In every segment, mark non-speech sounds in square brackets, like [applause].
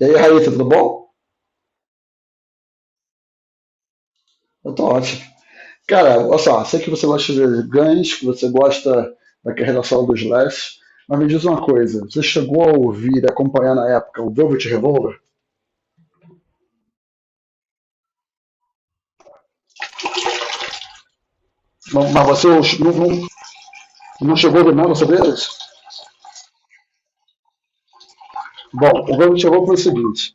E aí, Raíssa, tudo bom? Eu tô ótimo. Cara, olha só, sei que você gosta de ganhos, que você gosta da relação dos Slash, mas me diz uma coisa, você chegou a ouvir e acompanhar na época o Velvet Revolver? Não, mas você não, não, não chegou a ouvir nada sobre eles? Bom, o Velvet Revolver foi o seguinte,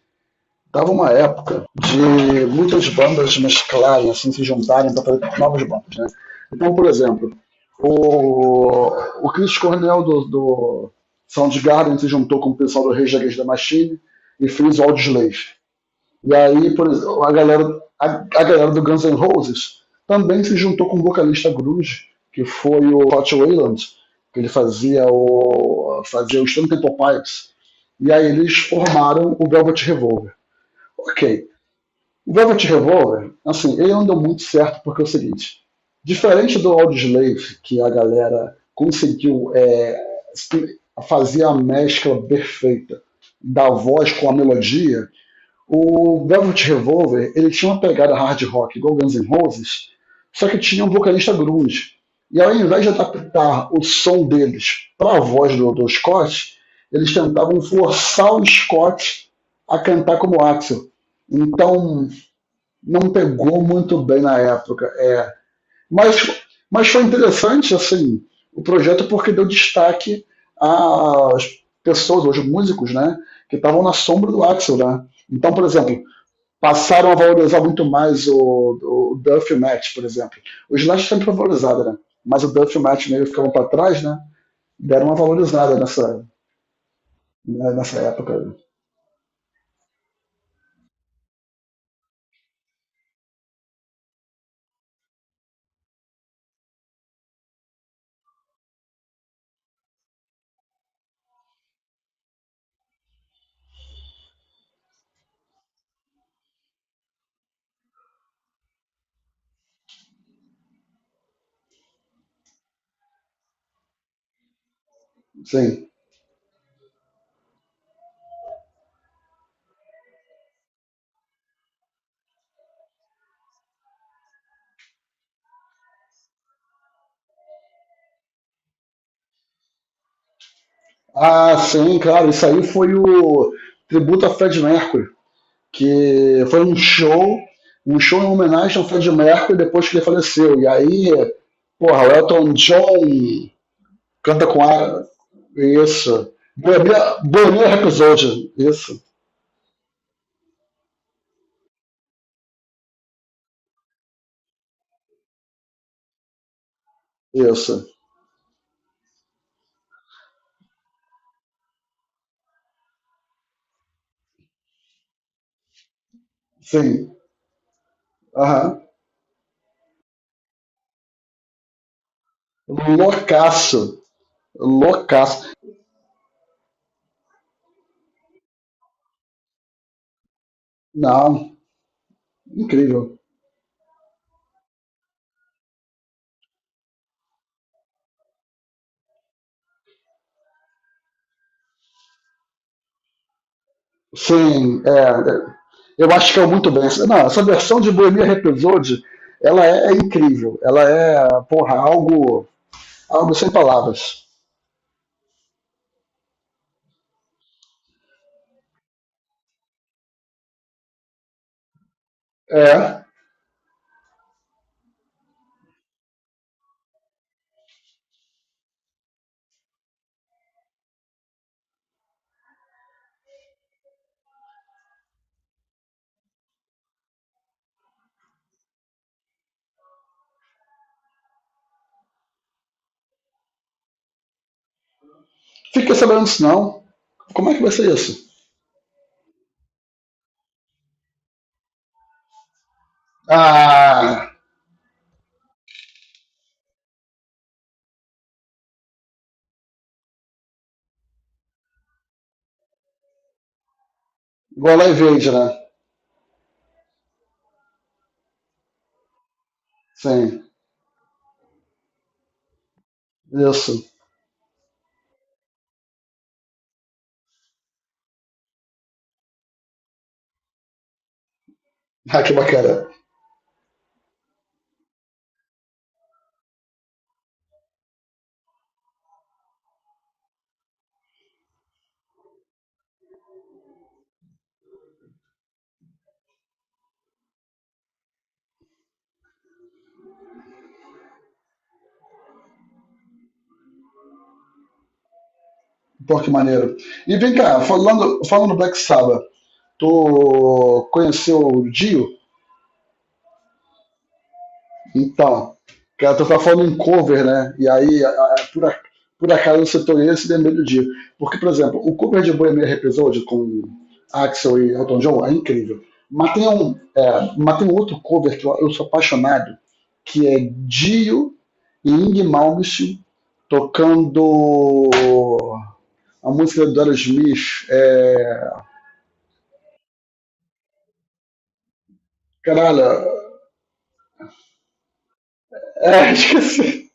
tava uma época de muitas bandas mesclarem, assim, se juntarem para fazer novas bandas, né? Então, por exemplo, o, o Chris Cornell do Soundgarden se juntou com o pessoal do Rage Against the Machine e fez o Audislays. E aí, por exemplo, a galera, a galera do Guns N' Roses também se juntou com o vocalista grunge, que foi o Scott Wayland, que ele fazia o Stone Temple Pilots. E aí eles formaram o Velvet Revolver. Ok. O Velvet Revolver, assim, ele não deu muito certo porque é o seguinte, diferente do Audioslave, que a galera conseguiu fazer a mescla perfeita da voz com a melodia, o Velvet Revolver, ele tinha uma pegada hard rock igual Guns N' Roses, só que tinha um vocalista grunge. E ao invés de adaptar o som deles para a voz do Scott, eles tentavam forçar o Scott a cantar como Axel. Então, não pegou muito bem na época. Mas, mas foi interessante assim o projeto porque deu destaque às pessoas, aos músicos, né, que estavam na sombra do Axel, né? Então, por exemplo, passaram a valorizar muito mais o Duff Match, por exemplo. O Slash sempre foi valorizado, né? Mas o Duff Match meio ficavam para trás, né? Deram uma valorizada nessa, né, nessa época. Sim. Ah, sim, claro. Isso aí foi o tributo a Fred Mercury, que foi um show em homenagem ao Freddie Mercury depois que ele faleceu. E aí, porra, o Elton John canta com a. Isso. Bonilla Episode. Isso, isso. Sim. Aham. Loucaço. Loucaço. Não, incrível. Sim, eu acho que é muito bem. Não, essa versão de Bohemian Rhapsody, ela é incrível. Ela é, porra, algo, algo sem palavras. É, fiquei sabendo disso não. Como é que vai ser isso? Ah, igual a Evade, né? Sim, isso. [laughs] Ah, que bacana. Pô, que maneiro. E vem cá, falando do Black Sabbath, tu conheceu o Dio? Então, cara, tu tá falando em cover, né? E aí, por acaso, eu setorei esse vermelho do Dio. Porque, por exemplo, o cover de Bohemian Rhapsody com Axel e Elton John é incrível. Mas tem um, Mas tem um outro cover que eu sou apaixonado, que é Dio e Ing Malmsteen tocando a música do Aerosmith. É... Caralho, [laughs] é, esqueci.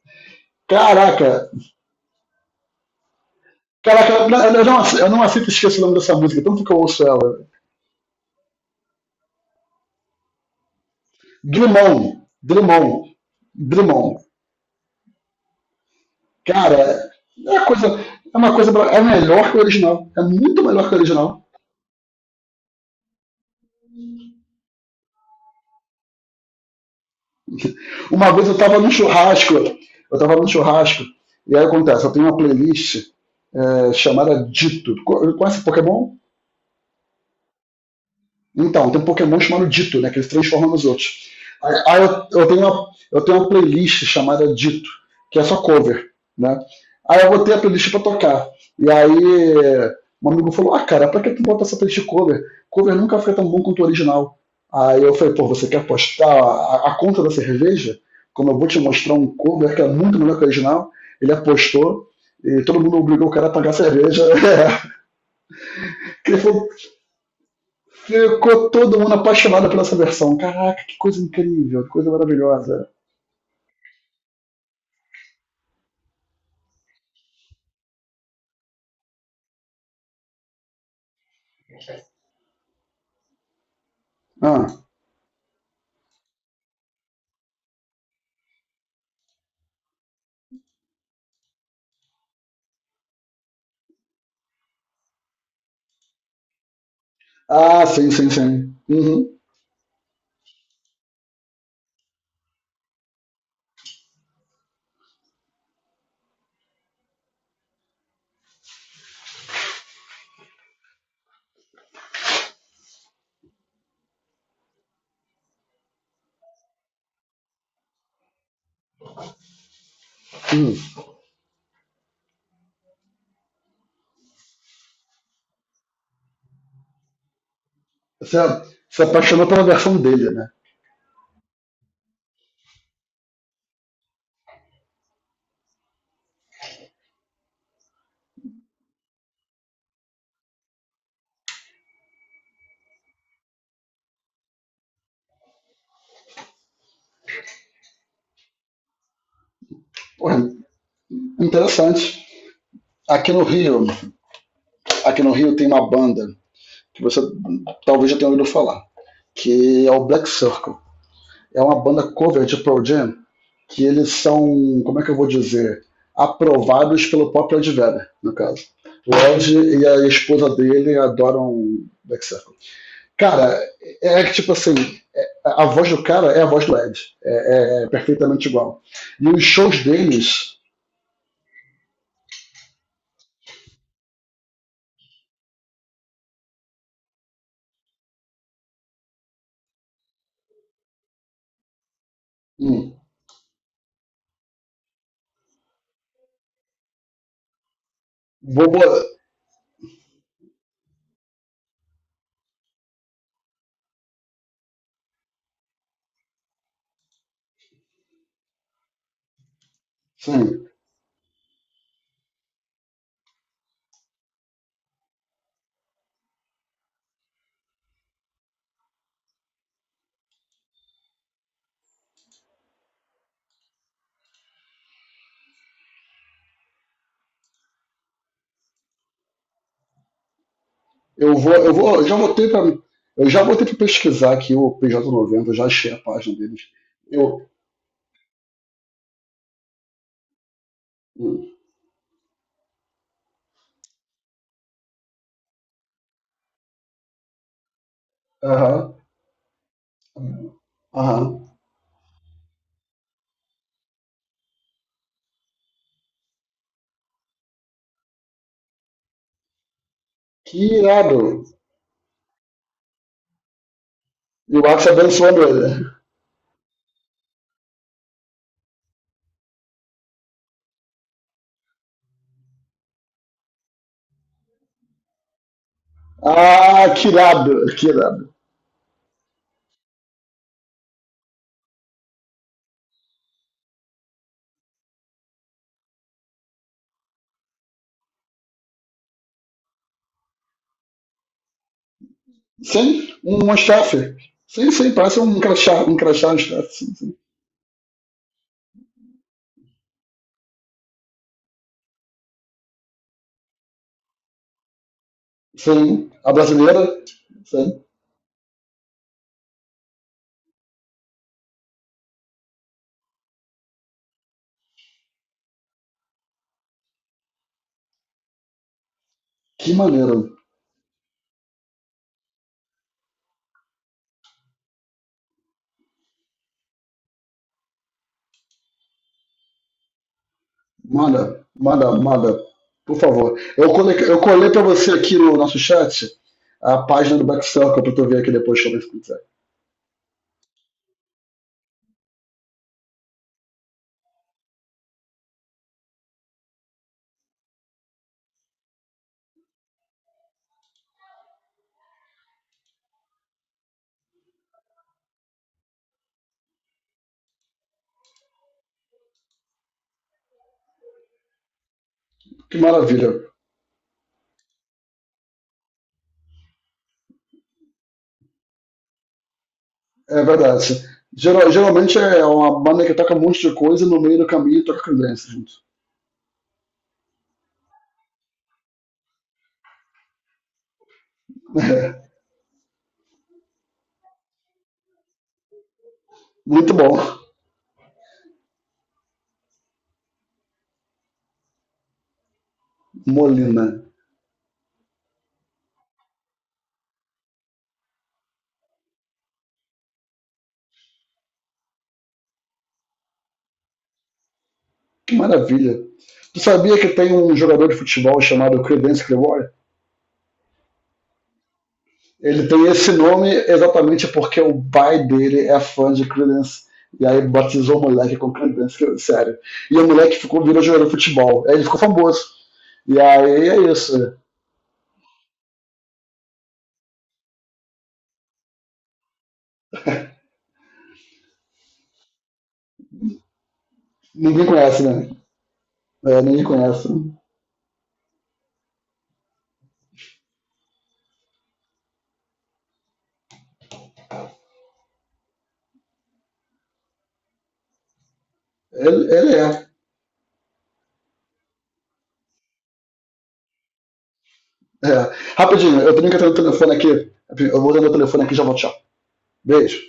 Caraca, caraca, eu não aceito esquecer o nome dessa música, tanto que eu ouço ela. Drummond, Drummond, Drummond. Cara, é uma coisa, é uma coisa, é melhor que o original, é muito melhor que o original. Uma vez eu estava num churrasco, eu estava num churrasco, e aí acontece, eu tenho uma playlist chamada Dito. Conhece Pokémon? Então, tem um Pokémon chamado Ditto, né? Que ele se transforma nos outros. Aí eu tenho uma playlist chamada Ditto, que é só cover, né? Aí eu botei a playlist pra tocar. E aí um amigo falou, ah, cara, pra que tu bota essa playlist cover? Cover nunca foi tão bom quanto o original. Aí eu falei, pô, você quer postar a conta da cerveja? Como eu vou te mostrar um cover que é muito melhor que o original, ele apostou e todo mundo obrigou o cara a pagar a cerveja. [laughs] Ele falou, ficou todo mundo apaixonado pela essa versão. Caraca, que coisa incrível, que coisa maravilhosa. Ah, ah sim, sim, sim. Uhum, uhum. Você se apaixonou pela versão dele, né? Porra, interessante. Aqui no Rio, aqui no Rio tem uma banda que você talvez já tenha ouvido falar, que é o Black Circle. É uma banda cover de Pearl Jam, que eles são, como é que eu vou dizer, aprovados pelo próprio Ed Vedder, no caso. O Ed e a esposa dele adoram Black Circle. Cara, é que tipo assim, a voz do cara é a voz do Ed. É perfeitamente igual. E os shows deles, hum, vou, sim, eu vou, eu já voltei para pesquisar aqui o PJ90, eu já achei a página deles. Eu, hum, aham, aham. Que irado. E o Axel abençoando ele. Ah, que irado, que irado. Sim, um staff. Sim, sim, parece um crachá, um crachá, um staff. Sim, a brasileira. Sim. Que maneiro. Manda, manda, manda. Por favor. Eu colei para você aqui no nosso chat a página do Back Circle pra tu ver aqui depois também se quiser. Que maravilha. É verdade. Geralmente é uma banda que toca um monte de coisa e no meio do caminho toca credência junto. Muito bom. Molina. Que maravilha. Tu sabia que tem um jogador de futebol chamado Credence Clearwater? Ele tem esse nome exatamente porque o pai dele é fã de Creedence. E aí batizou o moleque com Creedence, sério. E o moleque ficou, virou jogador de futebol. Aí ele ficou famoso. E aí é isso. Ninguém conhece, né? É, ninguém conhece. Ele é. É. Rapidinho, eu tenho que atender o telefone aqui. Eu vou atender o telefone aqui e já volto, tchau. Beijo.